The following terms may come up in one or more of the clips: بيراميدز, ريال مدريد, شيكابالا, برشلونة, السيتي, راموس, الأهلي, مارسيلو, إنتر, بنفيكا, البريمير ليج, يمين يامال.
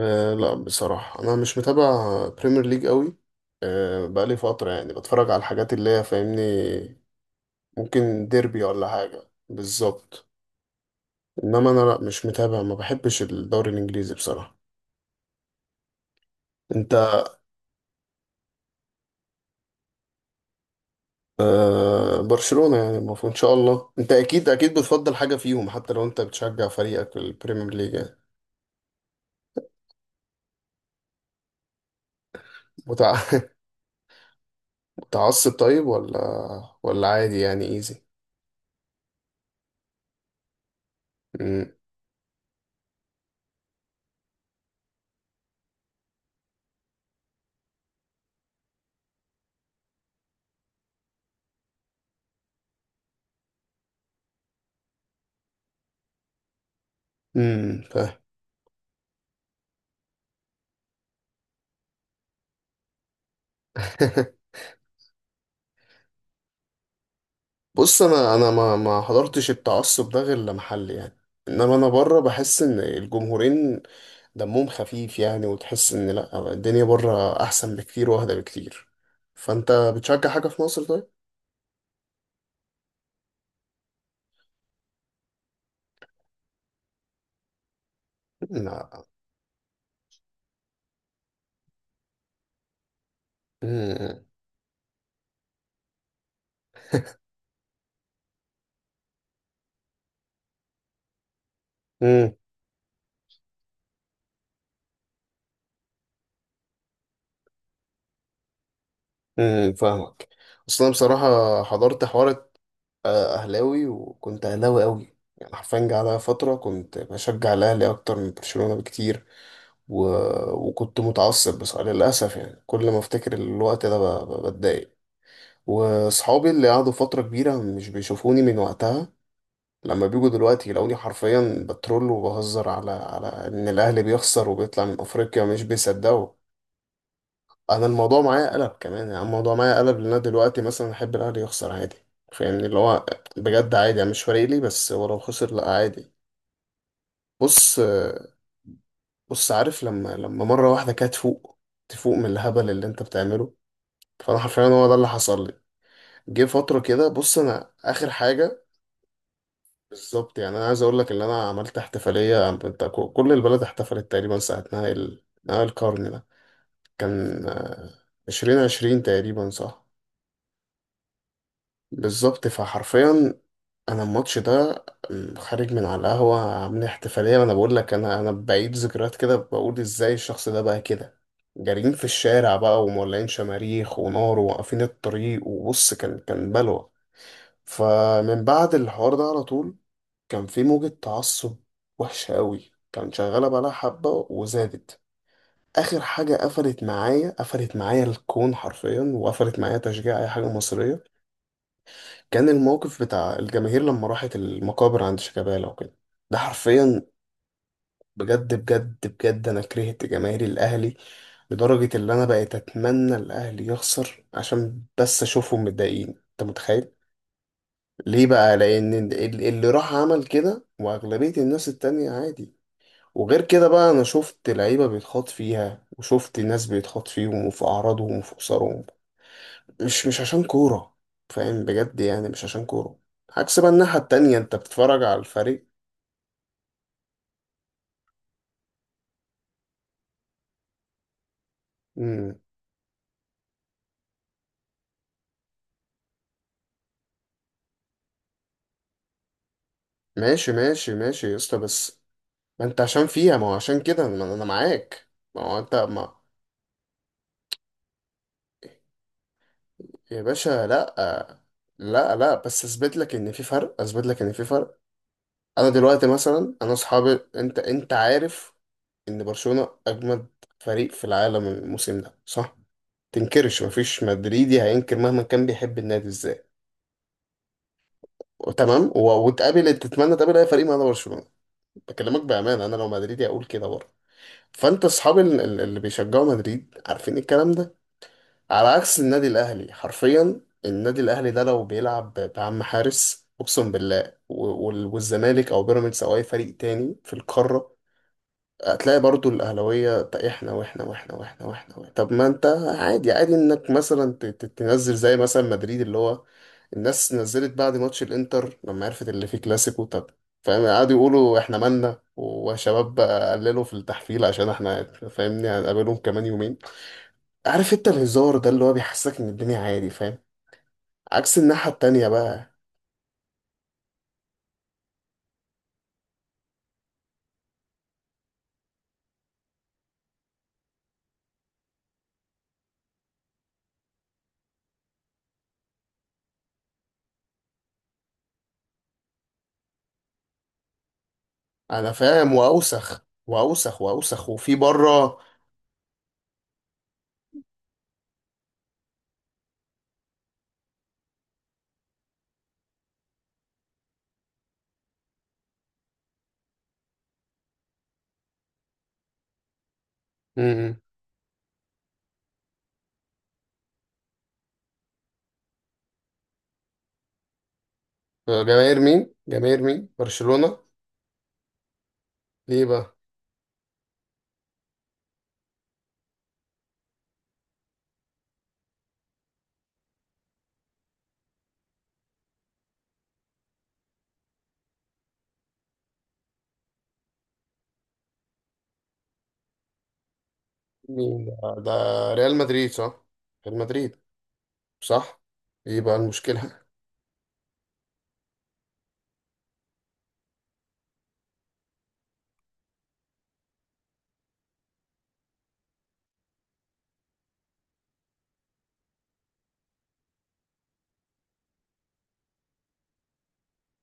لا، بصراحة أنا مش متابع بريمير ليج قوي. بقالي فترة، يعني بتفرج على الحاجات اللي هي، فاهمني؟ ممكن ديربي ولا حاجة بالظبط. إنما أنا، لا، مش متابع، ما بحبش الدوري الإنجليزي بصراحة. أنت؟ برشلونة، يعني المفروض إن شاء الله. أنت أكيد أكيد بتفضل حاجة فيهم، حتى لو أنت بتشجع فريقك في البريمير ليج، يعني. متع- متعصب طيب، ولا عادي، يعني إيزي؟ امم، فاهم. بص، انا ما حضرتش التعصب ده غير لما حل، يعني. انما انا بره، بحس ان الجمهورين دمهم خفيف، يعني، وتحس ان، لا، الدنيا بره احسن بكتير واهدى بكتير. فانت بتشجع حاجه في مصر؟ طيب. لا. امم. امم. امم، فاهمك. اصل انا بصراحه حضرت حوار. آه، أهلاوي، وكنت أهلاوي أوي. يعني حرفيا جه عليا فترة كنت بشجع الأهلي أكتر من برشلونة بكتير. و... وكنت متعصب، بس للأسف يعني كل ما أفتكر الوقت ده، بتضايق. وصحابي اللي قعدوا فترة كبيرة مش بيشوفوني من وقتها، لما بيجوا دلوقتي يلاقوني حرفيا بترول، وبهزر على إن الأهلي بيخسر وبيطلع من أفريقيا، مش بيصدقوا. انا الموضوع معايا قلب كمان، يعني الموضوع معايا قلب، لان انا دلوقتي مثلا احب الاهلي يخسر عادي. فاهمني، اللي هو، بجد عادي يعني، مش فارق لي، بس ولو خسر، لا، عادي. بص، بص، عارف لما مره واحده كده تفوق؟ تفوق من الهبل اللي انت بتعمله. فانا حرفيا هو ده اللي حصل لي. جه فتره كده، بص انا اخر حاجه. بالظبط، يعني انا عايز اقول لك ان انا عملت احتفاليه، انت كل البلد احتفلت تقريبا ساعه نهائي نهائي القرن ده. كان 2020 تقريبا، صح؟ بالظبط، فحرفيا، انا الماتش ده، خارج من على القهوه عاملين احتفاليه، وانا بقول لك انا بعيد ذكريات كده، بقول ازاي الشخص ده بقى كده. جارين في الشارع بقى، ومولعين شماريخ ونار، وواقفين الطريق، وبص، كان بلوى. فمن بعد الحوار ده على طول كان في موجة تعصب وحشة قوي، كان شغالة بقالها حبة وزادت. آخر حاجة قفلت معايا، قفلت معايا الكون حرفيا، وقفلت معايا تشجيع أي حاجة مصرية. كان الموقف بتاع الجماهير لما راحت المقابر عند شيكابالا وكده، ده حرفيا، بجد، بجد، بجد، انا كرهت جماهير الاهلي، لدرجة اللي انا بقيت اتمنى الاهلي يخسر عشان بس اشوفهم متضايقين، انت متخيل؟ ليه بقى؟ لان اللي راح عمل كده واغلبية الناس التانية عادي. وغير كده بقى، انا شفت لعيبة بيتخاط فيها، وشفت ناس بيتخاط فيهم وفي اعراضهم وفي خسارهم، مش عشان كورة. فاهم بجد يعني، مش عشان كورة. عكس بقى الناحية التانية، انت بتتفرج على الفريق. مم. ماشي، ماشي، ماشي يا اسطى، بس ما انت عشان فيها، ما هو عشان كده ما انا معاك. ما هو انت ما، يا باشا، لا. لا، لا، بس اثبت لك ان في فرق، اثبت لك ان في فرق. انا دلوقتي مثلا، انا اصحابي، انت عارف ان برشلونة اجمد فريق في العالم الموسم ده، صح؟ تنكرش؟ مفيش مدريدي هينكر مهما كان بيحب النادي ازاي. تمام، و- وتقابل، تتمنى تقابل اي فريق ما عدا برشلونه. بكلمك بامانه، انا لو مدريدي اقول كده برضه. فانت اصحاب اللي بيشجعوا مدريد عارفين الكلام ده. على عكس النادي الاهلي، حرفيا النادي الاهلي ده لو بيلعب بعم حارس، اقسم بالله، والزمالك او بيراميدز او اي فريق تاني في القاره، هتلاقي برضو الأهلاوية "طب إحنا وإحنا وإحنا وإحنا وإحنا وإحنا". طب ما أنت عادي، عادي إنك مثلا تنزل زي مثلا مدريد، اللي هو الناس نزلت بعد ماتش الإنتر لما عرفت اللي فيه كلاسيكو. طب فاهم، قعدوا يقولوا إحنا مالنا وشباب بقى قللوا في التحفيل عشان إحنا، فاهمني، هنقابلهم كمان يومين. عارف أنت الهزار ده اللي هو بيحسسك إن الدنيا عادي، فاهم؟ عكس الناحية التانية بقى. أنا فاهم، وأوسخ وأوسخ وأوسخ وفي بره. م- م. جماهير مين؟ جماهير مين؟ برشلونة. ايه بقى؟ مين ده؟ ده ريال مدريد، صح؟ ريال مدريد، صح؟ ايه بقى المشكلة؟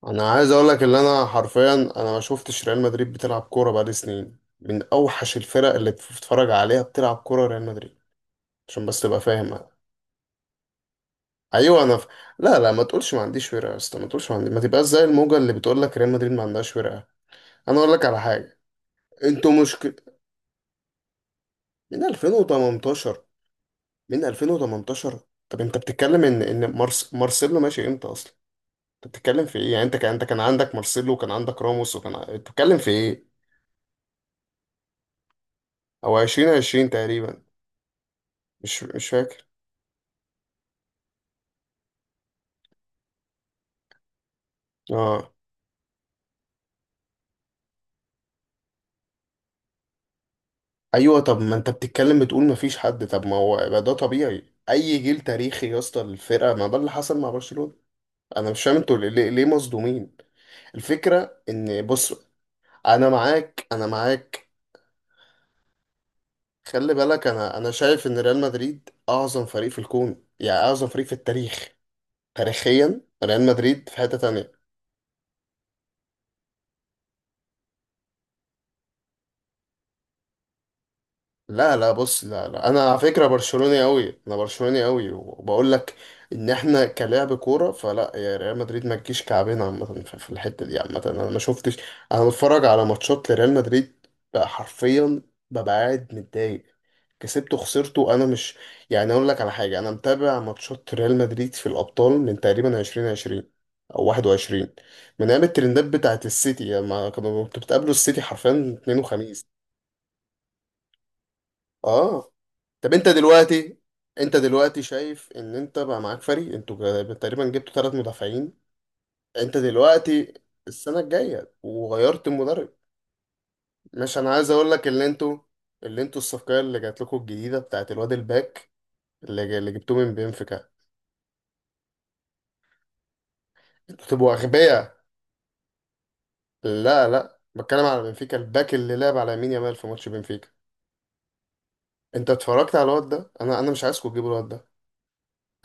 انا عايز اقول لك ان انا حرفيا، انا ما شفتش ريال مدريد بتلعب كورة بقالي سنين. من اوحش الفرق اللي بتتفرج عليها بتلعب كورة ريال مدريد، عشان بس تبقى فاهم. ايوه، انا لا، لا، ما تقولش ما عنديش ورقة يا اسطى، ما تقولش ما عندي، ما تبقاش زي الموجة اللي بتقول لك ريال مدريد ما عندهاش ورقة. انا اقول لك على حاجة، انتوا مشكلة من 2018، من 2018. طب انت بتتكلم ان مارسيلو ماشي امتى اصلا؟ انت بتتكلم في ايه، يعني انت كان، انت كان عندك مارسيلو وكان عندك راموس، وكان انت بتتكلم في ايه؟ او 2020 تقريبا، مش فاكر. اه، ايوه، طب ما انت بتتكلم، بتقول مفيش حد؟ طب ما هو يبقى ده طبيعي، اي جيل تاريخي يا اسطى الفرقه، ما ده اللي حصل مع برشلونه. انا مش فاهم انتوا ليه، ليه، ليه مصدومين؟ الفكره ان، بص، انا معاك، انا معاك. خلي بالك، انا شايف ان ريال مدريد اعظم فريق في الكون، يعني اعظم فريق في التاريخ. تاريخيا ريال مدريد في حته تانية. لا، لا، بص، لا، لا، انا على فكره برشلوني قوي، انا برشلوني قوي، وبقول لك ان احنا كلاعب كوره، فلا، يا ريال مدريد ما تجيش كعبنا عامه، في الحته دي عامه، انا ما شفتش. انا بتفرج على ماتشات لريال مدريد بقى حرفيا، ببقى قاعد متضايق، كسبته، خسرته، انا مش، يعني اقول لك على حاجه، انا متابع ماتشات ريال مدريد في الابطال من تقريبا 2020 او 21، من ايام الترندات بتاعت السيتي لما كانوا، كنت بتقابلوا السيتي حرفيا اثنين وخميس. اه، طب انت دلوقتي، انت دلوقتي شايف ان انت بقى معاك فريق، انتوا تقريبا جبتوا 3 مدافعين. انت دلوقتي السنه الجايه، وغيرت المدرب. مش، انا عايز اقول لك اللي انتوا، اللي انتوا الصفقه اللي جات لكم الجديده بتاعت الواد الباك، اللي جبتوه من بنفيكا. انتوا تبقوا اغبياء. لا، لا، بتكلم على بنفيكا، الباك اللي لعب على يمين يامال في ماتش بنفيكا. انت اتفرجت على الواد ده؟ انا مش عايزكم تجيبوا الواد ده.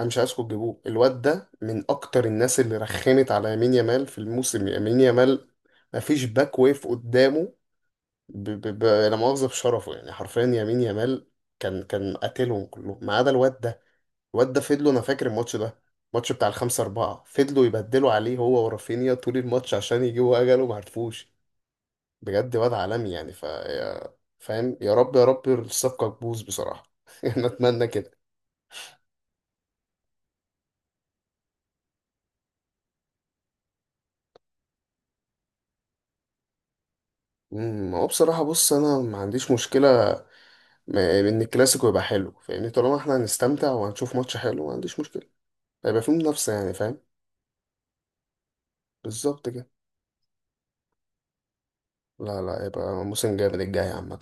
انا مش عايزكم تجيبوه، الواد ده من اكتر الناس اللي رخمت على يمين يامال في الموسم. يمين يامال مفيش باك ويف قدامه. لا مؤاخذة في شرفه، يعني حرفيا يمين يامال كان قاتلهم كلهم ما عدا الواد ده. الواد ده فضلوا، انا فاكر الماتش ده، الماتش بتاع 5-4، فضلوا يبدلوا عليه هو ورافينيا طول الماتش عشان يجيبوا أجله، معرفوش. بجد واد عالمي يعني، فاهم؟ يا رب، يا رب الصفقة تبوظ بصراحة. أنا أتمنى كده. هو بصراحة، بص، أنا ما عنديش مشكلة ان الكلاسيكو يبقى حلو، فاهمني؟ طالما احنا هنستمتع وهنشوف ماتش حلو، ما عنديش مشكله. هيبقى فيه منافسه، يعني فاهم. بالظبط كده. لا، لا، يبقى موسم جامد الجاي عامه.